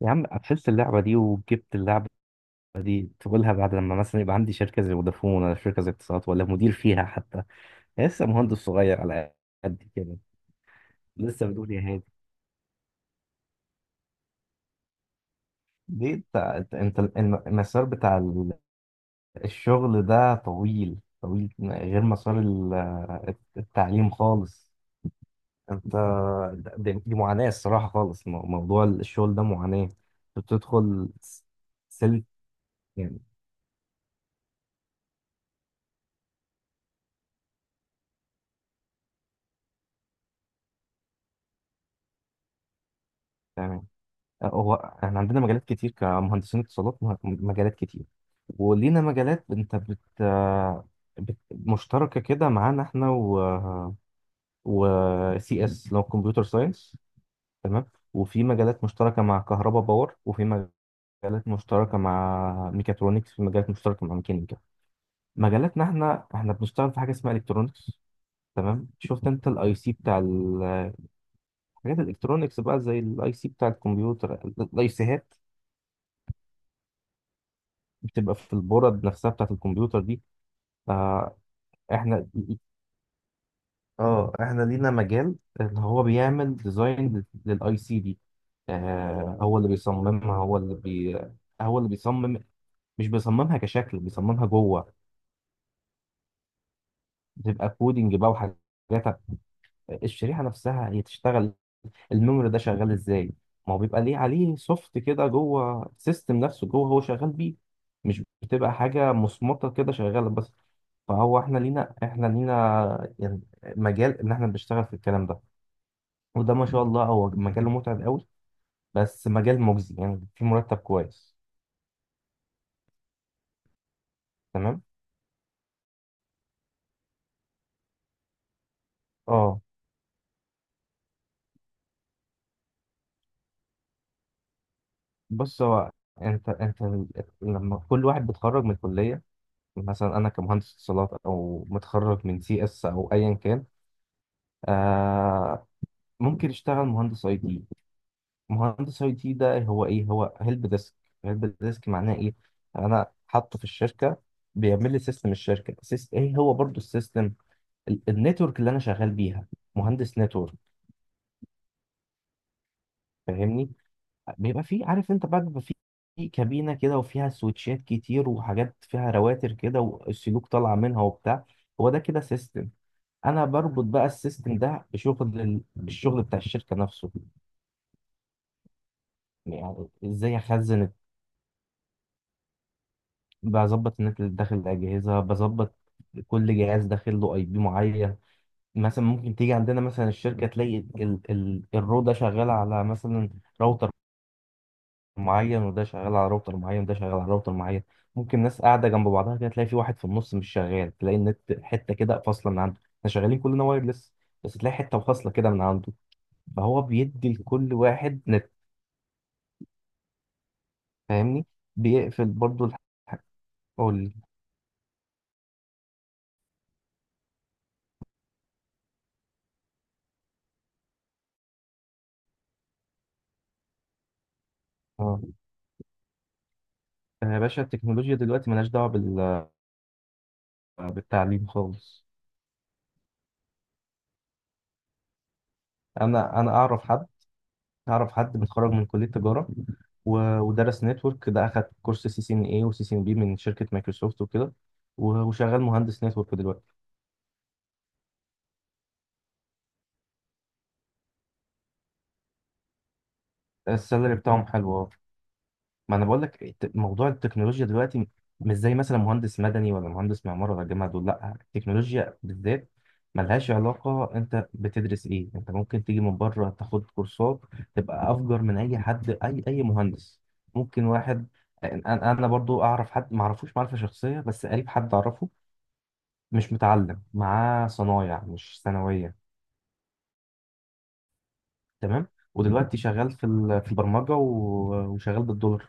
يا عم، قفلت اللعبة دي وجبت اللعبة دي تقولها بعد لما مثلا يبقى عندي شركة زي فودافون، ولا شركة زي اتصالات، ولا مدير فيها حتى. لسه مهندس صغير على قد كده. لسه بتقول يا هادي؟ ليه انت المسار بتاع الشغل ده طويل طويل، غير مسار التعليم خالص. انت، دي معاناة الصراحة خالص. موضوع الشغل ده معاناة، بتدخل سلك. يعني هو احنا عندنا مجالات كتير كمهندسين اتصالات، مجالات كتير. ولينا مجالات مشتركه كده معانا، احنا و سي اس اللي هو كمبيوتر ساينس. تمام. وفي مجالات مشتركه مع كهرباء باور، وفي مجالات مشتركه مع ميكاترونكس، في مجالات مشتركه مع ميكانيكا. مجالاتنا، احنا بنشتغل في حاجه اسمها الكترونكس. تمام، شفت انت الاي سي بتاع حاجات الالكترونكس بقى، زي الاي سي بتاع الكمبيوتر، الاي سيهات بتبقى في البورد نفسها بتاعت الكمبيوتر دي. فاحنا، اه احنا لينا مجال اللي هو بيعمل ديزاين للاي سي دي. هو اللي بيصممها، هو اللي بيصمم. مش بيصممها كشكل، بيصممها جوه. بتبقى كودينج بقى وحاجات. الشريحه نفسها هي تشتغل، الميموري ده شغال ازاي. ما هو بيبقى ليه عليه سوفت كده جوه السيستم نفسه، جوه هو شغال بيه. مش بتبقى حاجه مصمطه كده شغاله بس. فهو احنا لينا، يعني، مجال ان احنا بنشتغل في الكلام ده. وده ما شاء الله هو مجال متعب قوي، بس مجال مجزي يعني، في مرتب كويس. تمام. اه، بص هو، انت لما كل واحد بيتخرج من الكليه، مثلا انا كمهندس اتصالات، او متخرج من سي اس، او ايا كان. آه ممكن يشتغل مهندس اي تي. مهندس اي تي ده هو ايه؟ هو هيلب ديسك. هيلب ديسك معناه ايه؟ انا حاطه في الشركه، بيعمل لي سيستم الشركه، ايه هو برضو السيستم، النتورك اللي انا شغال بيها. مهندس نتورك. فاهمني؟ بيبقى فيه، عارف انت بقى، بيبقى فيه في كابينه كده، وفيها سويتشات كتير، وحاجات فيها رواتر كده، والسلوك طالعه منها وبتاع. هو ده كده سيستم. انا بربط بقى السيستم ده بشغل الشغل بتاع الشركه نفسه. يعني ازاي اخزن، بظبط النت اللي داخل الأجهزة، بظبط كل جهاز داخل له اي بي معين. مثلا ممكن تيجي عندنا مثلا الشركة، تلاقي ال الرو ده شغال على مثلا راوتر معين، وده شغال على راوتر معين، وده شغال على راوتر معين. ممكن ناس قاعدة جنب بعضها كده، تلاقي في واحد في النص مش شغال، تلاقي النت حتة كده فاصلة من عنده، احنا شغالين كلنا وايرلس. بس تلاقي حتة فاصلة كده من عنده. فهو بيدي لكل واحد نت. فاهمني؟ بيقفل برضه قول لي. اه. يا باشا، التكنولوجيا دلوقتي ملهاش دعوة بالتعليم خالص. انا اعرف حد، اعرف حد متخرج من كليه تجاره، و- ودرس نتورك ده، اخد كورس سي سي ان اي وسي سي ان بي من شركه مايكروسوفت وكده. و- وشغال مهندس نتورك دلوقتي. السالري بتاعهم حلو. ما انا بقول لك، موضوع التكنولوجيا دلوقتي مش زي مثلا مهندس مدني ولا مهندس معمار ولا جامعه دول، لا التكنولوجيا بالذات ملهاش علاقه انت بتدرس ايه. انت ممكن تيجي من بره تاخد كورسات، تبقى افجر من اي حد، اي مهندس. ممكن واحد، انا برضو اعرف حد، ما اعرفوش معرفه شخصيه بس قريب حد اعرفه، مش متعلم معاه صنايع مش ثانويه. تمام. ودلوقتي شغال في البرمجه، و- وشغال بالدولار.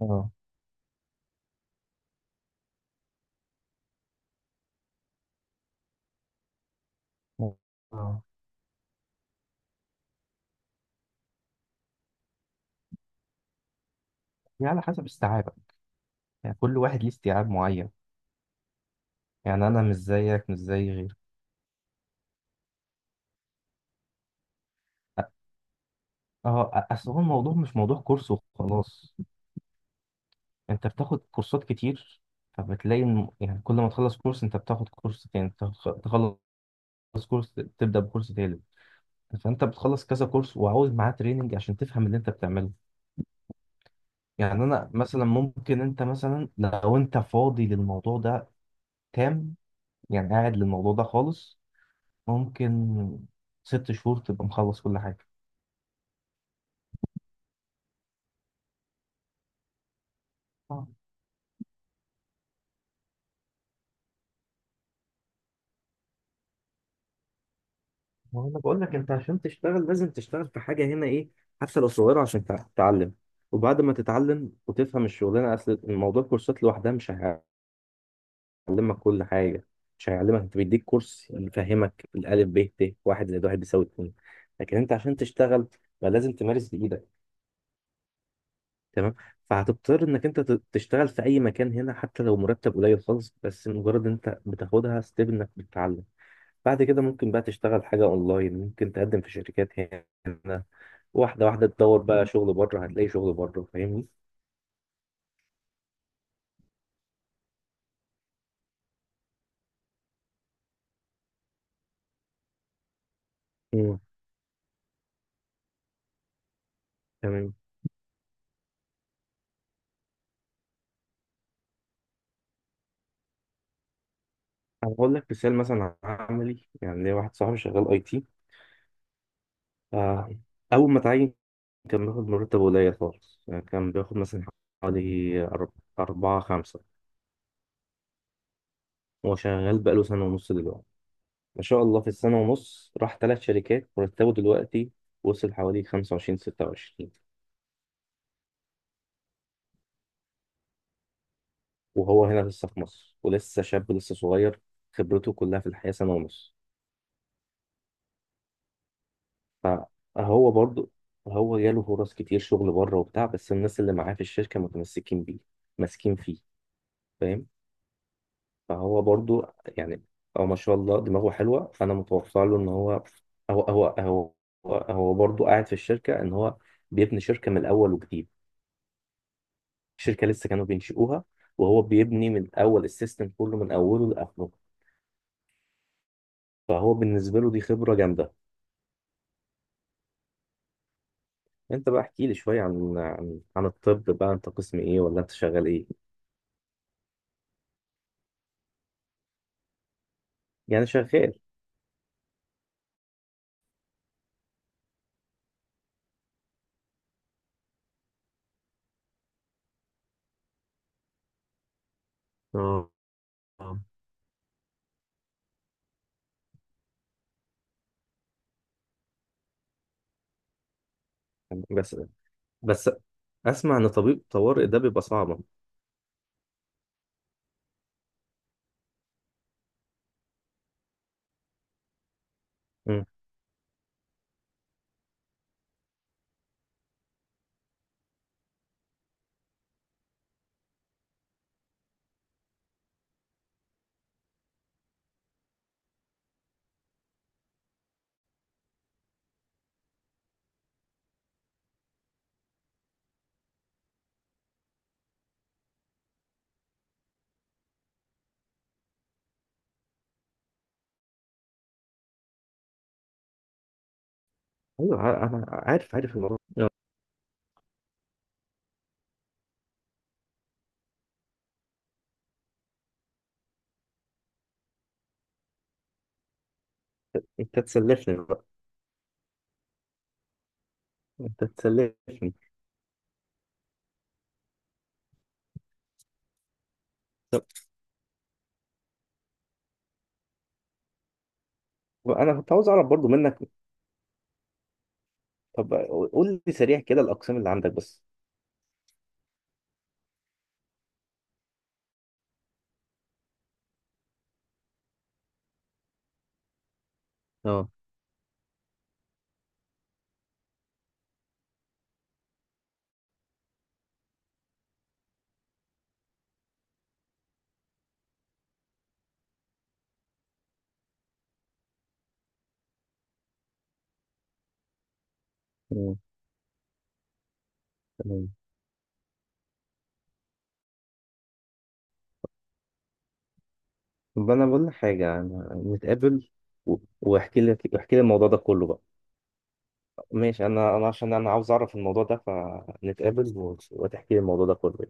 اه. اه، يعني على حسب استيعابك، يعني كل واحد ليه استيعاب معين. يعني انا مش زيك مش زي غيرك. أ- اصل هو الموضوع مش موضوع كورس وخلاص. انت بتاخد كورسات كتير، فبتلاقي يعني كل ما تخلص كورس انت بتاخد كورس تاني، تخلص كورس تبدأ بكورس تالت. فانت بتخلص كذا كورس وعاوز معاه تريننج عشان تفهم اللي انت بتعمله. يعني انا مثلا، ممكن انت مثلا لو انت فاضي للموضوع ده، تام، يعني قاعد للموضوع ده خالص، ممكن 6 شهور تبقى مخلص كل حاجة. ما هو انا بقول لك، انت عشان تشتغل لازم تشتغل في حاجه هنا، ايه حتى لو صغيره، عشان تتعلم. وبعد ما تتعلم وتفهم الشغلانه، اصل الموضوع الكورسات لوحدها مش هيعلمك كل حاجه. مش هيعلمك، انت بيديك كورس يفهمك الالف ب ت، 1+1=2. لكن انت عشان تشتغل بقى، لازم تمارس بايدك. تمام. فهتضطر انك انت تشتغل في اي مكان هنا، حتى لو مرتب قليل خالص، بس مجرد انت بتاخدها ستيب انك بتتعلم. بعد كده ممكن بقى تشتغل حاجه اونلاين، ممكن تقدم في شركات هنا. واحدة واحدة تدور بقى شغل بره، هتلاقي شغل بره. فاهمني؟ امم تمام. أنا هقول لك مثال مثلا عملي، يعني ليا واحد صاحبي شغال أي تي. آه، أول ما اتعين كان بياخد مرتب قليل خالص، يعني كان بياخد مثلا حوالي أربعة خمسة. هو شغال بقاله سنة ونص دلوقتي. ما شاء الله في السنة ونص راح ثلاث شركات. مرتبه دلوقتي وصل حوالي 25، 26. وهو هنا لسه في مصر، ولسه شاب لسه صغير، خبرته كلها في الحياة سنة ونص. فهو برضو، هو جاله فرص كتير شغل بره وبتاع، بس الناس اللي معاه في الشركة متمسكين بيه، ماسكين فيه. فاهم؟ فهو برضو يعني، هو ما شاء الله دماغه حلوة، فأنا متوقع له إن هو هو هو هو برضو قاعد في الشركة، إن هو بيبني شركة من الأول وجديد. الشركة لسه كانوا بينشئوها، وهو بيبني من الأول السيستم كله من أوله لآخره. فهو بالنسبة له دي خبرة جامدة. أنت بقى احكي لي شوية عن الطب بقى، أنت قسم إيه ولا أنت شغال إيه؟ يعني شغال. اه. آه. بس بس اسمع، ان طبيب طوارئ ده بيبقى صعب. مم. ايوه. انا عارف الموضوع ده. انت تسلفني بقى، انت تسلفني. طب انا كنت عاوز اعرف برضو منك. طب قول لي سريع كده الاقسام اللي عندك بس. اه. مم. تمام. طب انا بقول لك حاجه، انا نتقابل، و- واحكي لك، احكي لي الموضوع ده كله بقى. ماشي. انا عشان انا عاوز اعرف الموضوع ده، فنتقابل، و- وتحكي لي الموضوع ده كله.